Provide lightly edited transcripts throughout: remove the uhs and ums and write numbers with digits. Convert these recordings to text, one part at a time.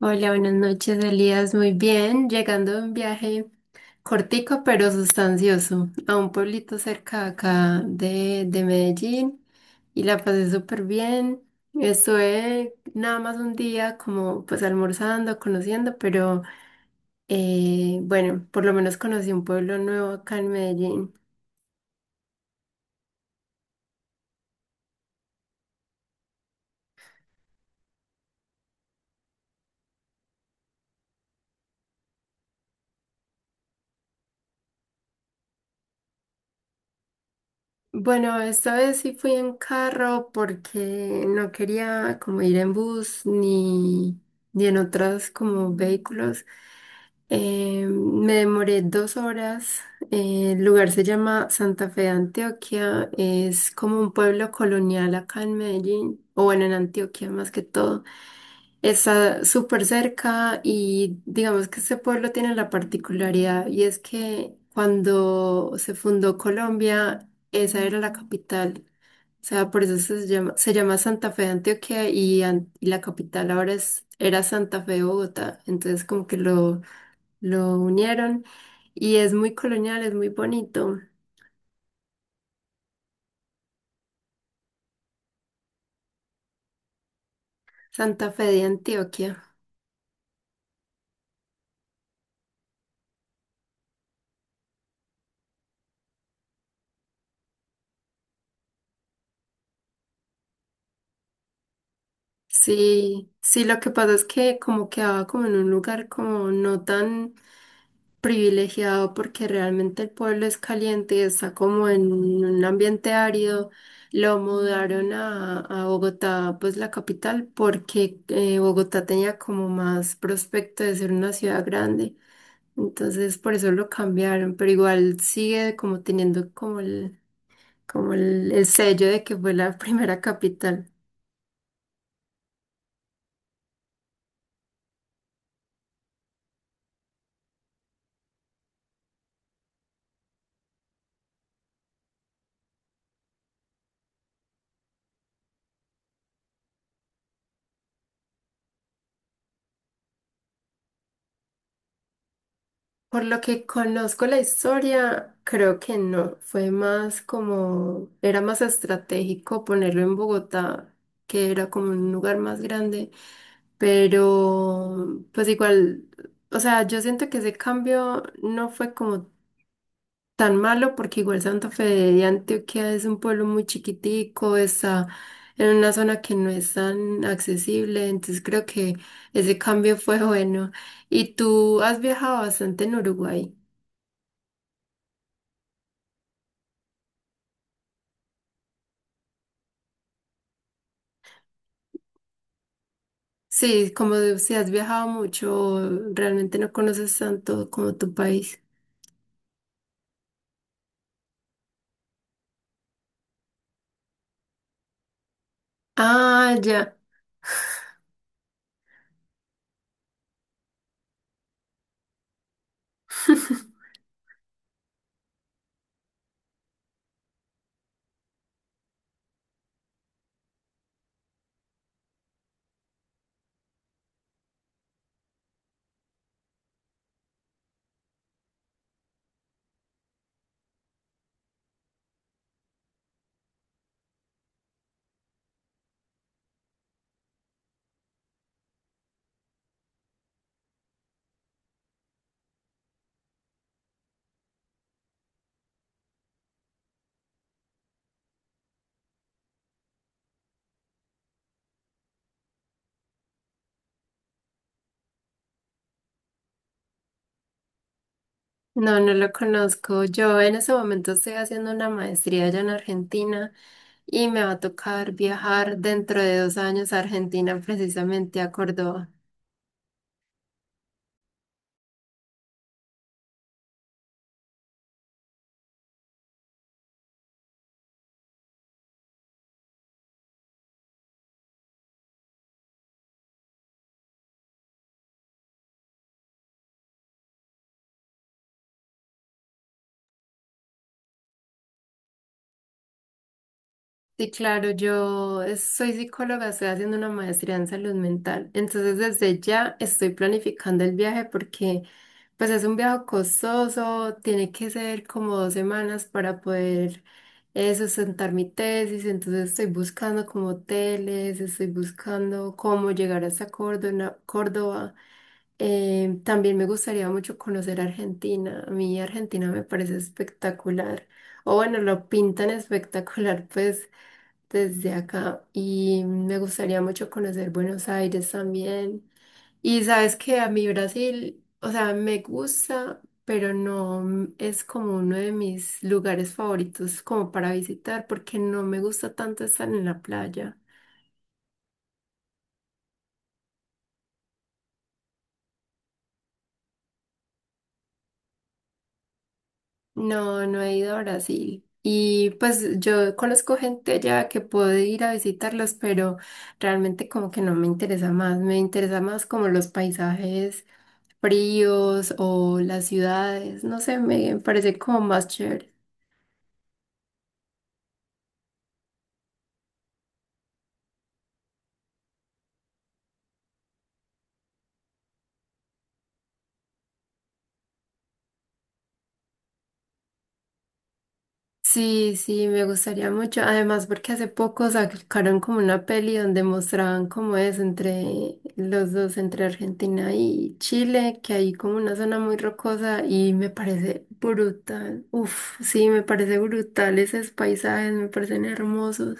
Hola, buenas noches, Elías. Muy bien, llegando de un viaje cortico pero sustancioso a un pueblito cerca de acá de Medellín y la pasé súper bien. Estuve nada más un día como pues almorzando, conociendo, pero bueno, por lo menos conocí un pueblo nuevo acá en Medellín. Bueno, esta vez sí fui en carro porque no quería como ir en bus ni en otros como vehículos. Me demoré 2 horas. El lugar se llama Santa Fe de Antioquia. Es como un pueblo colonial acá en Medellín, o bueno, en Antioquia más que todo. Está súper cerca y digamos que este pueblo tiene la particularidad y es que cuando se fundó Colombia, esa era la capital. O sea, por eso se llama Santa Fe de Antioquia y, y la capital ahora es, era Santa Fe de Bogotá. Entonces como que lo unieron y es muy colonial, es muy bonito. Santa Fe de Antioquia. Sí, sí, lo que pasa es que como quedaba como en un lugar como no tan privilegiado porque realmente el pueblo es caliente y está como en un ambiente árido. Lo mudaron a Bogotá, pues la capital, porque Bogotá tenía como más prospecto de ser una ciudad grande. Entonces por eso lo cambiaron, pero igual sigue como teniendo como el sello de que fue la primera capital. Por lo que conozco la historia, creo que no, fue más como, era más estratégico ponerlo en Bogotá, que era como un lugar más grande, pero pues igual, o sea, yo siento que ese cambio no fue como tan malo porque igual Santa Fe de Antioquia es un pueblo muy chiquitico, está en una zona que no es tan accesible, entonces creo que ese cambio fue bueno. ¿Y tú has viajado bastante en Uruguay? Sí, si has viajado mucho, realmente no conoces tanto como tu país. Ah, ya. No, no lo conozco. Yo en ese momento estoy haciendo una maestría allá en Argentina y me va a tocar viajar dentro de 2 años a Argentina, precisamente a Córdoba. Sí, claro, soy psicóloga, estoy haciendo una maestría en salud mental, entonces desde ya estoy planificando el viaje porque pues es un viaje costoso, tiene que ser como 2 semanas para poder sustentar mi tesis, entonces estoy buscando como hoteles, estoy buscando cómo llegar hasta Córdoba. También me gustaría mucho conocer Argentina. A mí Argentina me parece espectacular. O bueno, lo pintan espectacular, pues desde acá y me gustaría mucho conocer Buenos Aires también. Y sabes que a mí Brasil, o sea, me gusta, pero no es como uno de mis lugares favoritos como para visitar porque no me gusta tanto estar en la playa. No, no he ido a Brasil. Y pues yo conozco gente ya que puede ir a visitarlos, pero realmente como que no me interesa más. Me interesa más como los paisajes fríos o las ciudades, no sé, me parece como más chévere. Sí, sí, me gustaría mucho. Además, porque hace poco sacaron como una peli donde mostraban cómo es entre los dos, entre Argentina y Chile, que hay como una zona muy rocosa y me parece brutal. Uf, sí, me parece brutal esos paisajes, me parecen hermosos.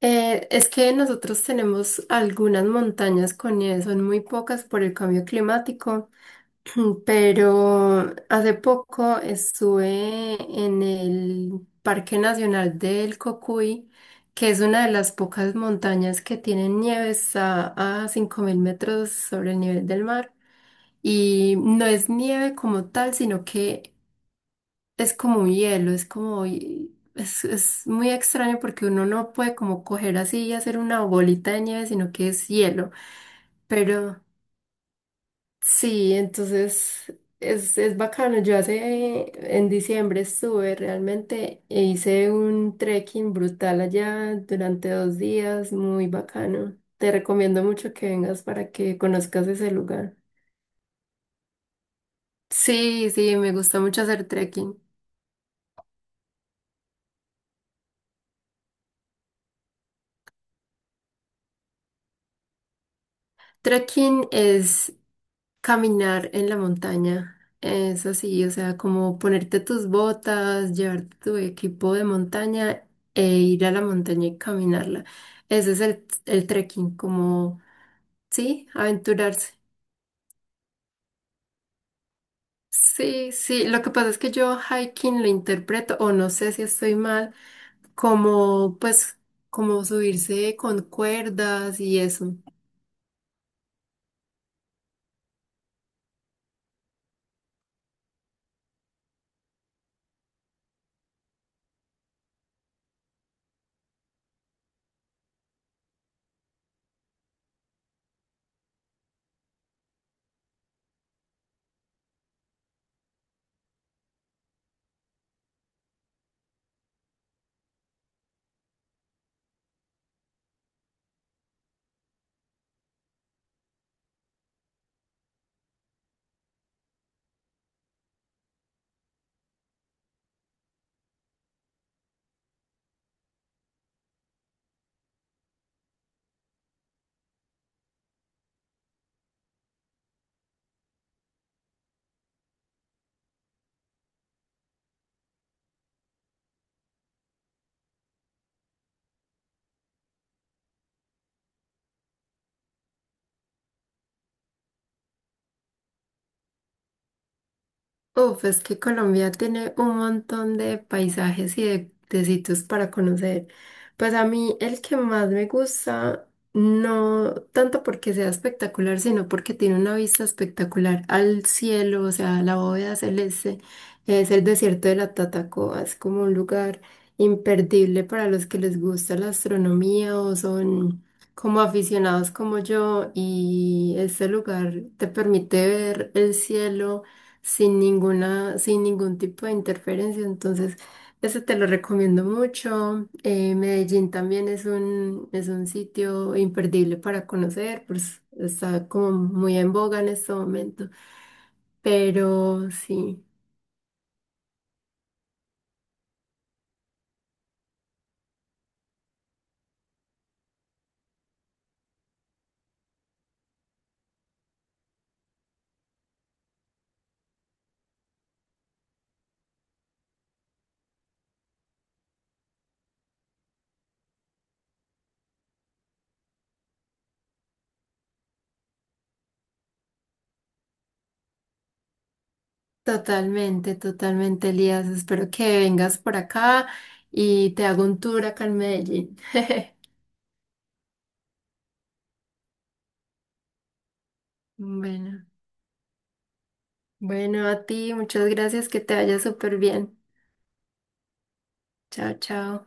Es que nosotros tenemos algunas montañas con nieve, son muy pocas por el cambio climático. Mm, pero hace poco estuve en el Parque Nacional del Cocuy, que es una de las pocas montañas que tienen nieves a 5.000 metros sobre el nivel del mar. Y no es nieve como tal, sino que es como un hielo, es como... es muy extraño porque uno no puede como coger así y hacer una bolita de nieve, sino que es hielo. Pero... Sí, entonces es bacano. Yo hace, en diciembre estuve realmente e hice un trekking brutal allá durante 2 días, muy bacano. Te recomiendo mucho que vengas para que conozcas ese lugar. Sí, sí, me gusta mucho hacer trekking. Trekking es caminar en la montaña es así, o sea, como ponerte tus botas, llevarte tu equipo de montaña e ir a la montaña y caminarla. Ese es el trekking, como, sí, aventurarse. Sí, sí, lo que pasa es que yo hiking lo interpreto, o no sé si estoy mal, como, pues, como subirse con cuerdas y eso. Uf, es que Colombia tiene un montón de paisajes y de sitios para conocer. Pues a mí el que más me gusta, no tanto porque sea espectacular, sino porque tiene una vista espectacular al cielo, o sea, la bóveda celeste, es el desierto de la Tatacoa, es como un lugar imperdible para los que les gusta la astronomía o son como aficionados como yo y este lugar te permite ver el cielo sin ningún tipo de interferencia. Entonces, eso te lo recomiendo mucho. Medellín también es es un sitio imperdible para conocer, pues está como muy en boga en este momento. Pero sí, totalmente, totalmente, Elías. Espero que vengas por acá y te hago un tour acá en Medellín. Bueno, bueno, a ti, muchas gracias, que te vaya súper bien. Chao, chao.